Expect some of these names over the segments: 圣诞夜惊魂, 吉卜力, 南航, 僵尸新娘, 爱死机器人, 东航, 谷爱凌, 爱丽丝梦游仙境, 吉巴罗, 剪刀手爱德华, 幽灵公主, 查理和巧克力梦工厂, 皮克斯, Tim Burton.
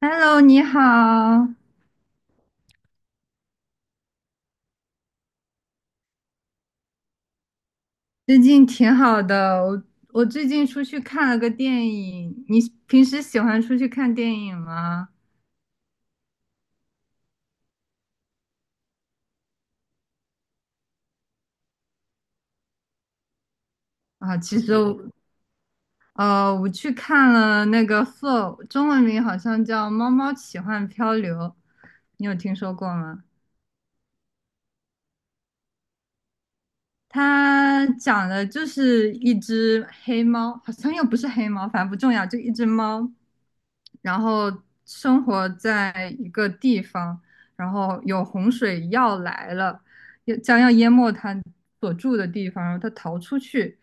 Hello，你好，最近挺好的。我最近出去看了个电影。你平时喜欢出去看电影吗？啊，其实我我去看了那个《f o u r 中文名好像叫《猫猫奇幻漂流》，你有听说过吗？它讲的就是一只黑猫，好像又不是黑猫，反正不重要，就一只猫，然后生活在一个地方，然后有洪水要来了，要将要淹没他所住的地方，然后他逃出去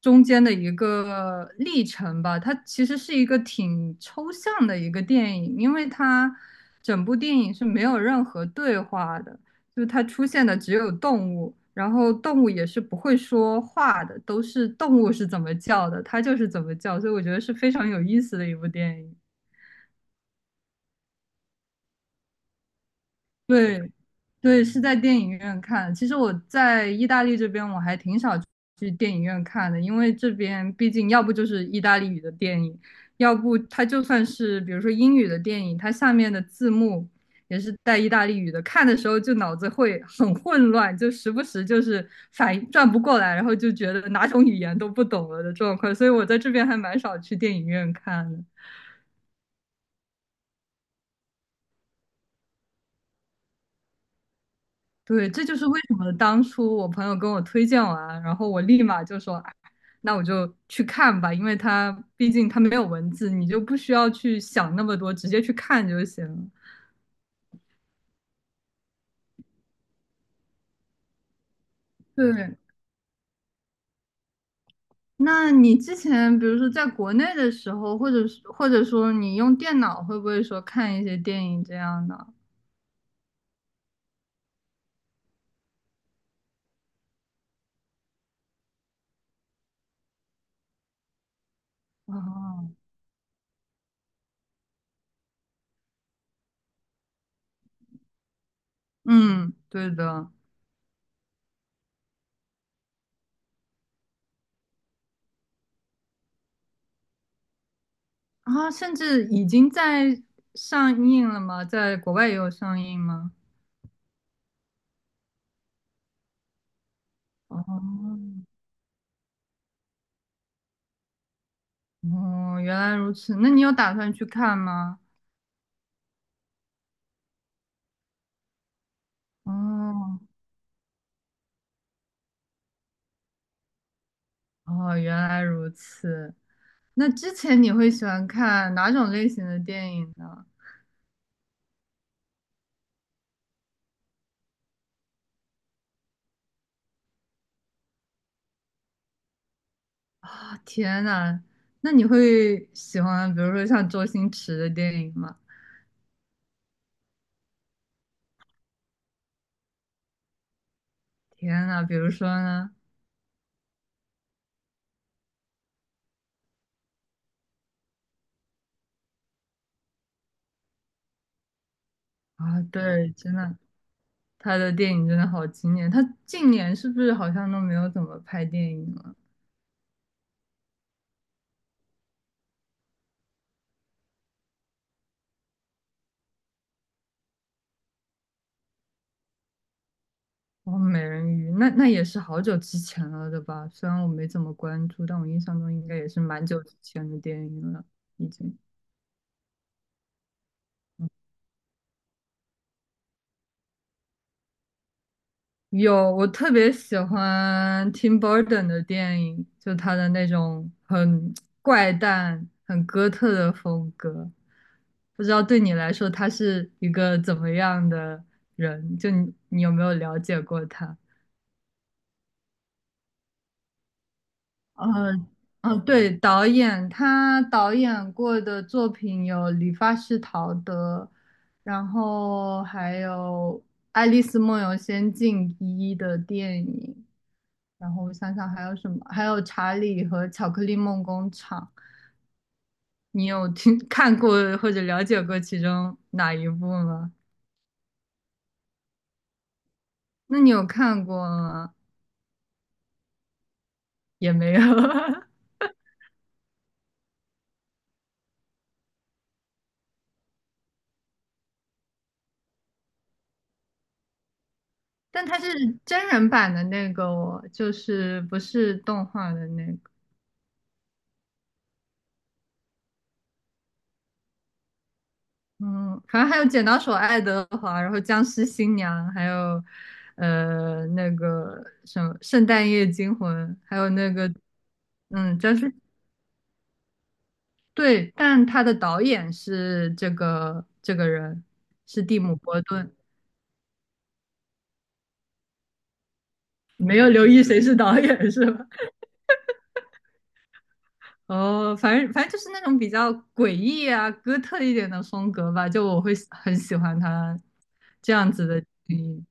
中间的一个历程吧。它其实是一个挺抽象的一个电影，因为它整部电影是没有任何对话的，就是它出现的只有动物。然后动物也是不会说话的，都是动物是怎么叫的，它就是怎么叫，所以我觉得是非常有意思的一部电影。对，对，是在电影院看。其实我在意大利这边，我还挺少去电影院看的，因为这边毕竟要不就是意大利语的电影，要不它就算是比如说英语的电影，它下面的字幕也是带意大利语的，看的时候就脑子会很混乱，就时不时就是反应转不过来，然后就觉得哪种语言都不懂了的状况。所以我在这边还蛮少去电影院看的。对，这就是为什么当初我朋友跟我推荐完，然后我立马就说，哎，那我就去看吧，因为它毕竟它没有文字，你就不需要去想那么多，直接去看就行了。对，那你之前比如说在国内的时候，或者是或者说你用电脑，会不会说看一些电影这样的？哦，嗯，对的。啊，甚至已经在上映了吗？在国外也有上映吗？哦，哦，原来如此。那你有打算去看吗？哦，哦，原来如此。那之前你会喜欢看哪种类型的电影呢？啊，天呐，那你会喜欢，比如说像周星驰的电影吗？天呐，比如说呢？啊，对，真的，他的电影真的好经典。他近年是不是好像都没有怎么拍电影了？哦，美人鱼，那那也是好久之前了的吧？虽然我没怎么关注，但我印象中应该也是蛮久之前的电影了，已经。有，我特别喜欢 Tim Burton 的电影，就他的那种很怪诞、很哥特的风格。不知道对你来说，他是一个怎么样的人？就你，你有没有了解过他？嗯嗯，对，导演，他导演过的作品有《理发师陶德》，然后还有《爱丽丝梦游仙境一》的电影，然后我想想还有什么，还有《查理和巧克力梦工厂》。你有听 看过或者了解过其中哪一部吗？那你有看过吗？也没有，但它是真人版的那个哦，就是不是动画的那个。嗯，反正还有《剪刀手爱德华》，然后《僵尸新娘》，还有那个什么《圣诞夜惊魂》，还有那个嗯僵尸对，但他的导演是这个人是蒂姆·伯顿，没有留意谁是导演是吧？哦，反正就是那种比较诡异啊、哥特一点的风格吧，就我会喜很喜欢他这样子的电影。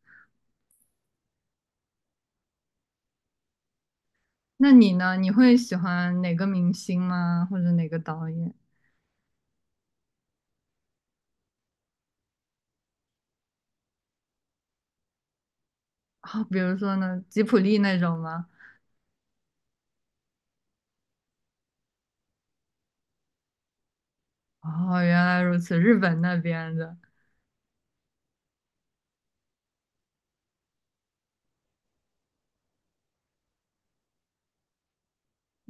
那你呢？你会喜欢哪个明星吗？或者哪个导演？啊、比如说呢，吉卜力那种吗？哦，原来如此，日本那边的。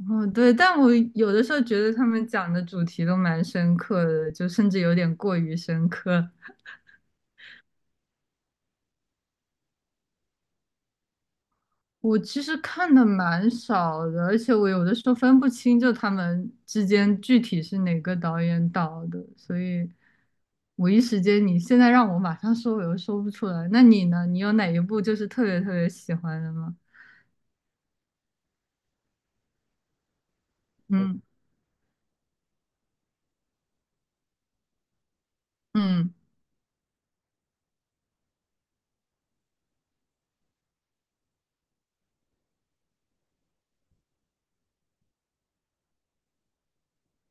哦，对，但我有的时候觉得他们讲的主题都蛮深刻的，就甚至有点过于深刻。我其实看的蛮少的，而且我有的时候分不清就他们之间具体是哪个导演导的，所以我一时间你现在让我马上说，我又说不出来。那你呢？你有哪一部就是特别特别喜欢的吗？嗯嗯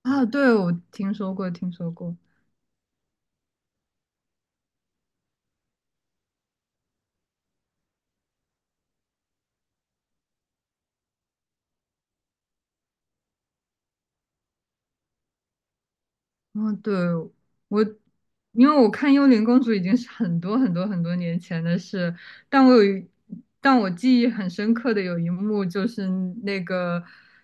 啊，对，我听说过，听说过。嗯，对，我，因为我看《幽灵公主》已经是很多很多很多年前的事，但我有一，但我记忆很深刻的有一幕，就是那个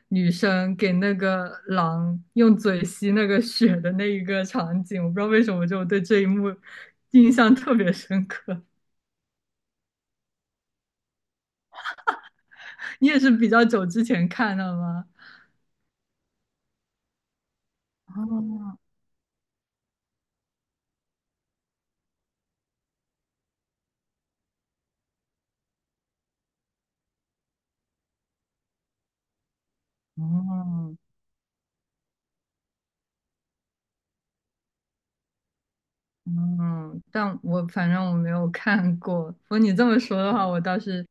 女生给那个狼用嘴吸那个血的那一个场景，我不知道为什么就对这一幕印象特别深刻。你也是比较久之前看的吗？哦，哦，嗯，但我反正我没有看过。不过你这么说的话，我倒是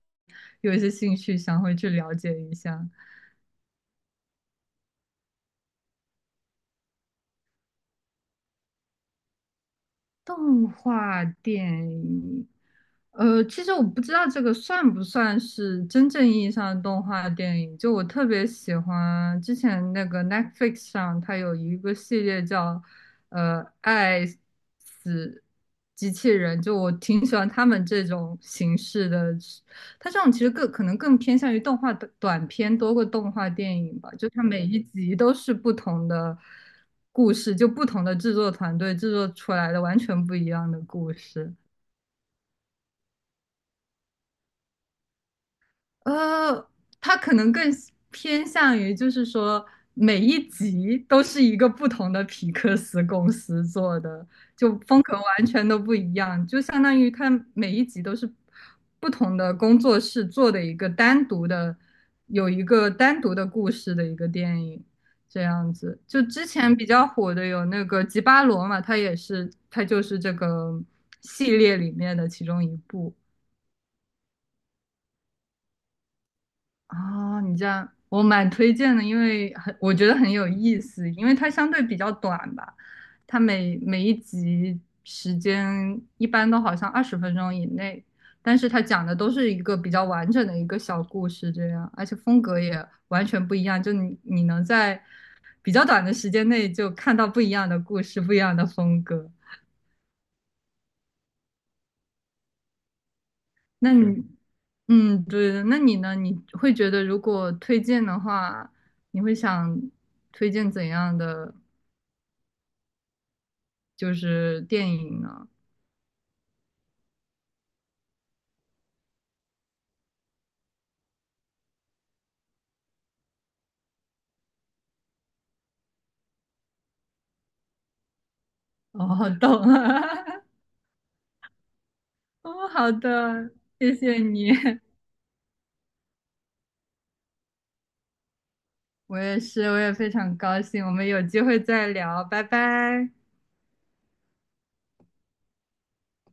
有一些兴趣，想回去了解一下。动画电影，其实我不知道这个算不算是真正意义上的动画电影。就我特别喜欢之前那个 Netflix 上，它有一个系列叫呃《爱死机器人》，就我挺喜欢他们这种形式的。它这种其实更可能更偏向于动画的短片多过动画电影吧，就它每一集都是不同的。故事，就不同的制作团队制作出来的完全不一样的故事。呃，它可能更喜偏向于，就是说每一集都是一个不同的皮克斯公司做的，就风格完全都不一样，就相当于它每一集都是不同的工作室做的一个单独的，有一个单独的故事的一个电影，这样子。就之前比较火的有那个《吉巴罗》嘛，它也是，它就是这个系列里面的其中一部。哦，你这样我蛮推荐的，因为很我觉得很有意思，因为它相对比较短吧，它每每一集时间一般都好像20分钟以内，但是它讲的都是一个比较完整的一个小故事这样，而且风格也完全不一样，就你你能在比较短的时间内就看到不一样的故事，不一样的风格。那你，嗯，对的，那你呢？你会觉得如果推荐的话，你会想推荐怎样的就是电影呢？哦，懂了，哦，好的，谢谢你，我也是，我也非常高兴，我们有机会再聊，拜拜。